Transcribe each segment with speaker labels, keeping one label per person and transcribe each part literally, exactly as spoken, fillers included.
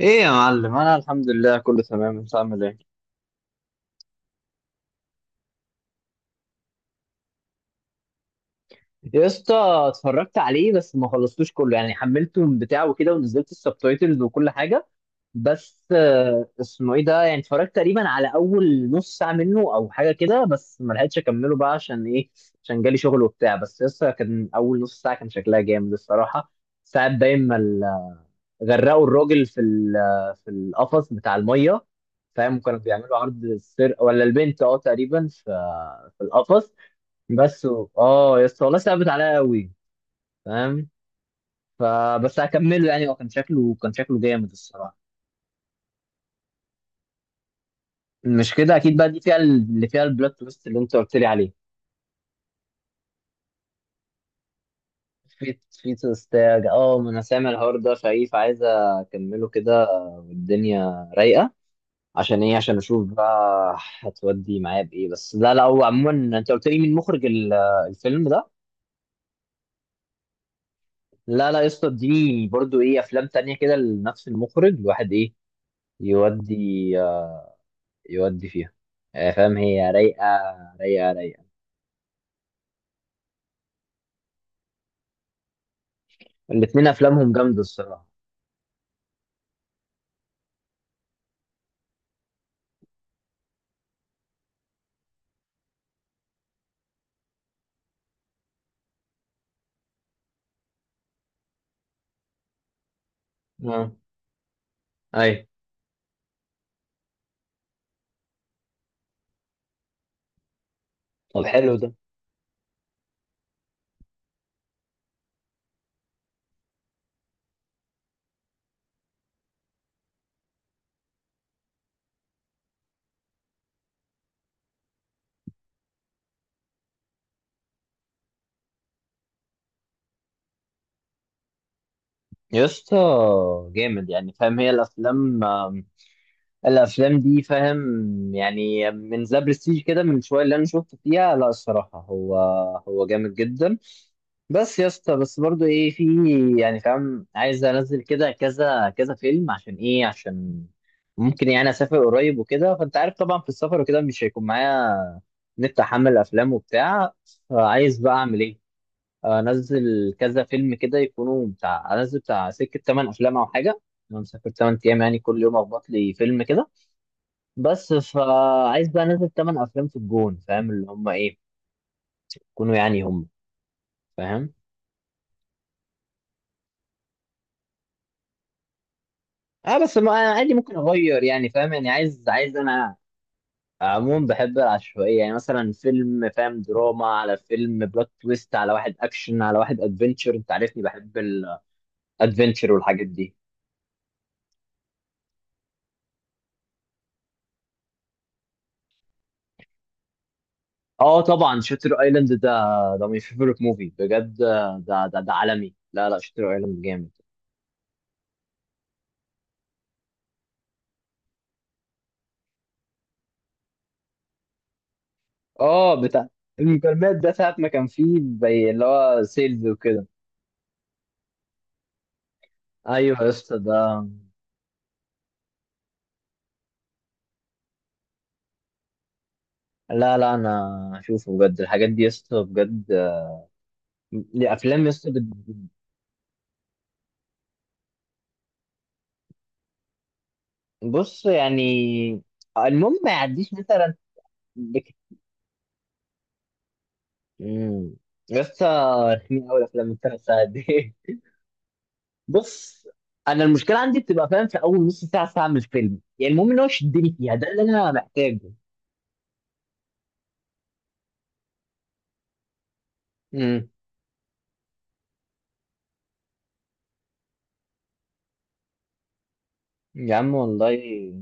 Speaker 1: ايه يا معلم؟ انا الحمد لله كله تمام. انت عامل ايه يا اسطى؟ اتفرجت عليه بس ما خلصتوش كله، يعني حملته من بتاع وكده ونزلت السبتايتلز وكل حاجه. بس آه، اسمه ايه ده، يعني اتفرجت تقريبا على اول نص ساعه منه او حاجه كده، بس ما لحقتش اكمله بقى، عشان ايه؟ عشان جالي شغل وبتاع، بس لسه كان اول نص ساعه، كان شكلها جامد الصراحه. ساعات باين ما غرقوا الراجل في ال- في القفص بتاع الميه. فاهم كانوا بيعملوا عرض السرقه، ولا البنت اه تقريبا في في القفص. بس و- اه يا اسطى، والله صعبت عليا قوي. فاهم. فبس هكمله، يعني هو كان شكله كان شكله جامد الصراحه. مش كده اكيد؟ بقى دي فيها ال- اللي فيها البلوت تويست اللي انت قلت لي عليه. في في تويستاج، اه ما انا سامع الحوار ده، شايف عايز اكمله كده. والدنيا رايقه. عشان ايه؟ عشان اشوف بقى هتودي معايا بايه. بس لا، لا، هو عموما، انت قلت لي مين مخرج ال- الفيلم ده؟ لا، لا يا اسطى، اديني برضو ايه افلام تانية كده لنفس المخرج الواحد، ايه يودي. آه، يودي فيها. آه، فاهم، هي رايقه. رايقه، رايقه. الاتنين افلامهم جامده الصراحه. اه. اي. طب حلو ده. يا اسطى جامد، يعني فاهم، هي الافلام. الافلام دي، فاهم، يعني من ذا برستيج كده من شويه اللي انا شفت فيها، لا الصراحه، هو هو جامد جدا. بس يا اسطى، بس برضو ايه في، يعني فاهم، عايز انزل كده كذا كذا فيلم. عشان ايه؟ عشان ممكن يعني اسافر قريب وكده، فانت عارف طبعا، في السفر وكده مش هيكون معايا نت، احمل افلام وبتاع. فعايز بقى اعمل ايه؟ انزل كذا فيلم كده، يكونوا بتاع، انزل بتاع سكه تمن افلام او حاجه. انا مسافر تمن ايام، يعني كل يوم اخبط لي فيلم كده. بس فعايز بقى انزل تمن افلام في الجون، فاهم، اللي هم ايه يكونوا يعني، هم فاهم. اه بس ما عادي، ممكن اغير، يعني فاهم، يعني عايز عايز انا عموما بحب العشوائيه، يعني مثلا فيلم، فاهم، دراما على فيلم بلوت تويست على واحد اكشن على واحد ادفنتشر، انت عارفني بحب الادفنتشر والحاجات دي. اه طبعا، شاتر ايلاند ده ده ماي فيفورت موفي بجد. ده ده ده عالمي. لا، لا، شاتر ايلاند جامد. اه بتاع المكالمات ده، ساعة ما كان فيه زي اللي هو سيلز وكده. ايوه يا اسطى ده. لا، لا، انا اشوفه بجد، الحاجات دي يا اسطى بجد. الافلام يا اسطى بت- بص، يعني المهم ما يعديش مثلا. بك... مم. يا اسطى، رخمين قوي الافلام الثلاث ساعات دي. بص، انا المشكله عندي بتبقى، فاهم، في اول نص ساعه ساعه من الفيلم، يعني المهم ان هو يشدني فيها، ده اللي انا محتاجه. امم. يا عم والله.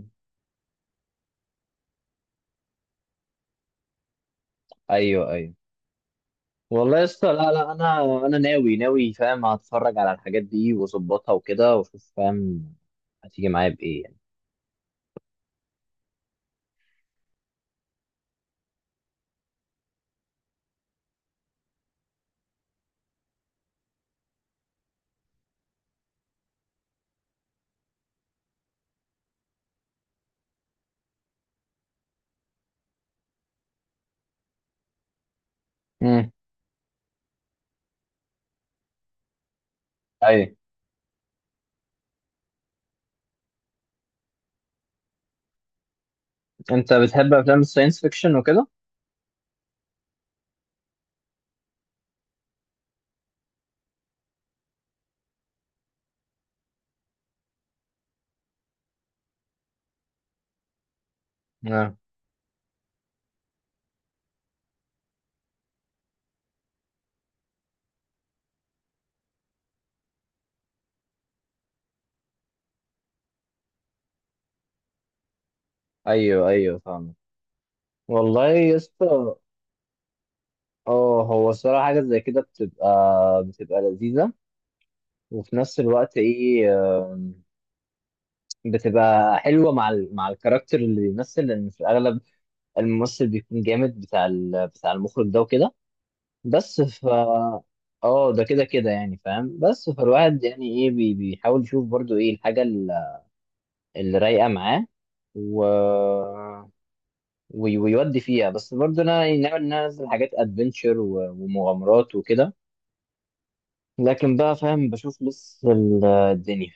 Speaker 1: ايوه، ايوه. والله يا اسطى، لا، لا انا انا ناوي ناوي، فاهم، هتفرج على الحاجات دي واظبطها وكده واشوف، فاهم هتيجي معايا بايه يعني. امم. ايوه. انت بتحب افلام الساينس فيكشن وكده؟ نعم. ايوه، ايوه، فاهم. والله يا اسطى. اه، هو الصراحه حاجه زي كده بتبقى بتبقى لذيذه. وفي نفس الوقت، ايه، آم، بتبقى حلوه مع ال... مع الكاركتر اللي بيمثل، لان في الاغلب الممثل بيكون جامد بتاع ال... بتاع المخرج ده وكده. بس ف. اه ده كده كده، يعني فاهم، بس فالواحد يعني ايه بي- بيحاول يشوف برضو ايه الحاجة ال- اللي رايقة معاه. و... وي- ويودي فيها، بس برضو انا يعني ناوي ان انا انزل حاجات ادفنتشر و... ومغامرات وكده. لكن بقى فاهم، بشوف لسه ال- الدنيا.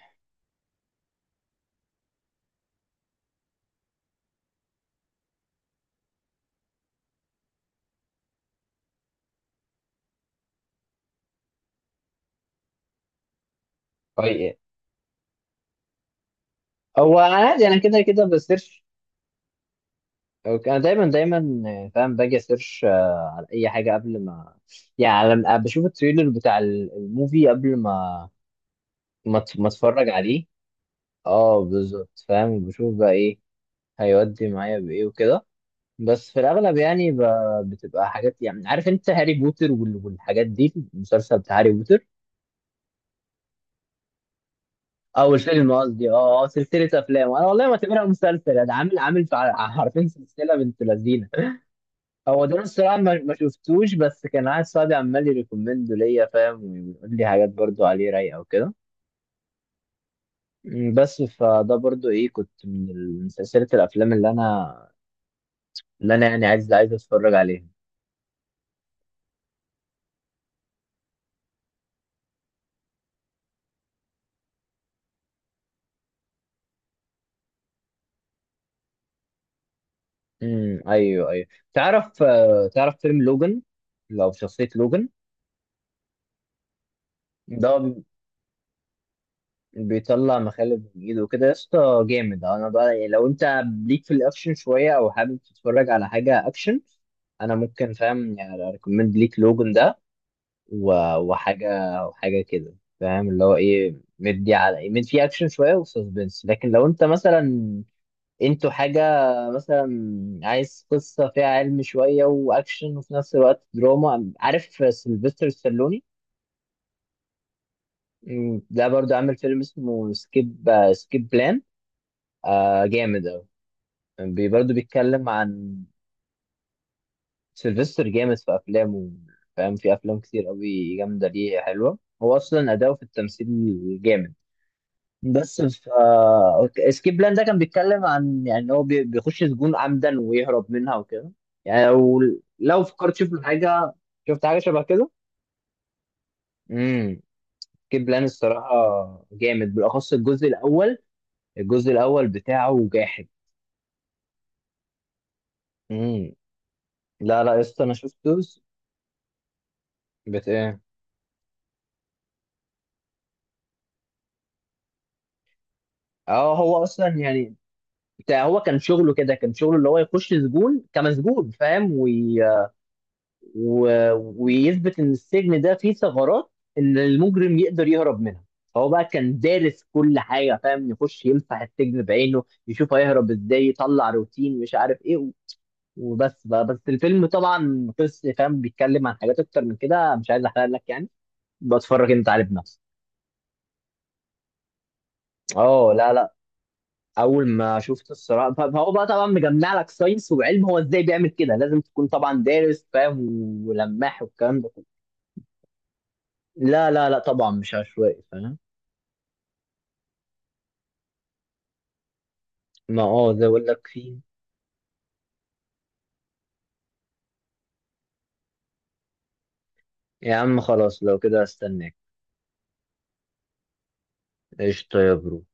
Speaker 1: طيب. هو عادي، انا كده كده بسيرش. أوكي، انا دايما دايما، فاهم، باجي اسيرش آه، على اي حاجة قبل ما، يعني لما بشوف التريلر بتاع ال- الموفي قبل ما ما ت- ما اتفرج عليه. اه بالظبط، فاهم بشوف بقى ايه هيودي معايا بايه وكده. بس في الاغلب يعني ب... بتبقى حاجات، يعني عارف انت هاري بوتر وال... والحاجات دي، المسلسل بتاع هاري بوتر او الفيلم قصدي، اه آه، سلسله افلام. انا والله ما اعتبرها مسلسل، انا عامل عامل في ع- حرفين سلسله بنت لذينه. هو ده أنا الصراحه ما... ما شفتوش، بس كان قاعد صاحبي عمال يريكومند ليا، فاهم، ويقول لي حاجات برضو عليه رايقه وكده. مم، بس فده برضو ايه، كنت من ال- من سلسلة الافلام اللي انا اللي انا يعني عايز عايز اتفرج عليها. امم. ايوه، ايوه. تعرف آه، تعرف فيلم لوجان، لو شخصية لوجان. ده ب- بيطلع مخالب من ايده وكده، يا اسطى جامد. انا بقى يعني لو انت ليك في الاكشن شوية، او حابب تتفرج على حاجة اكشن، انا ممكن، فاهم، يعني اريكومند ليك لوجان ده. و- وحاجة وحاجة كده، فاهم اللي هو ايه، مدي على مد، فيه اكشن شوية وسسبنس، لكن لو انت مثلا انتوا حاجة، مثلا، عايز قصة فيها علم شوية واكشن وفي نفس الوقت دراما، عارف سيلفستر ستالوني. مم، ده برضو عامل فيلم اسمه سكيب سكيب بلان. آه جامد اوي. بي- برضو بيتكلم عن سيلفستر جامد في افلامه، فاهم، في افلام كتير قوي جامدة ليه حلوة، هو اصلا اداؤه في التمثيل جامد. بس ف اسكيب بلان ده كان بيتكلم عن، يعني إن هو بي- بيخش سجون عمدا ويهرب منها وكده. يعني لو لو فكرت، شفت حاجه شفت حاجه شبه كده. امم. اسكيب بلان الصراحه جامد، بالاخص الجزء الاول. الجزء الاول بتاعه جاحد. امم. لا، لا يا اسطى، انا شفته. بت ايه؟ اه، هو اصلا يعني بتاع، هو كان شغله كده، كان شغله اللي هو يخش سجون كمسجون، فاهم، وي... و... ويثبت ان السجن ده فيه ثغرات، ان المجرم يقدر يهرب منها. فهو بقى كان دارس كل حاجه، فاهم، يخش يمسح السجن بعينه، يشوف هيهرب ازاي، يطلع روتين مش عارف ايه و- وبس بقى، بس الفيلم طبعا قصه، فاهم، بيتكلم عن حاجات اكتر من كده، مش عايز احرق لك يعني، بتفرج انت عليه بنفسك. اه، لا، لا. اول ما شفت الصراع، فهو بقى طبعا مجمع لك ساينس وعلم، هو ازاي بيعمل كده لازم تكون طبعا دارس، فاهم، ولماح والكلام ده كله. لا، لا، لا، طبعا مش عشوائي، فاهم. ما اه زي اقول لك فيه. يا عم خلاص، لو كده هستناك. قشطة يا برو.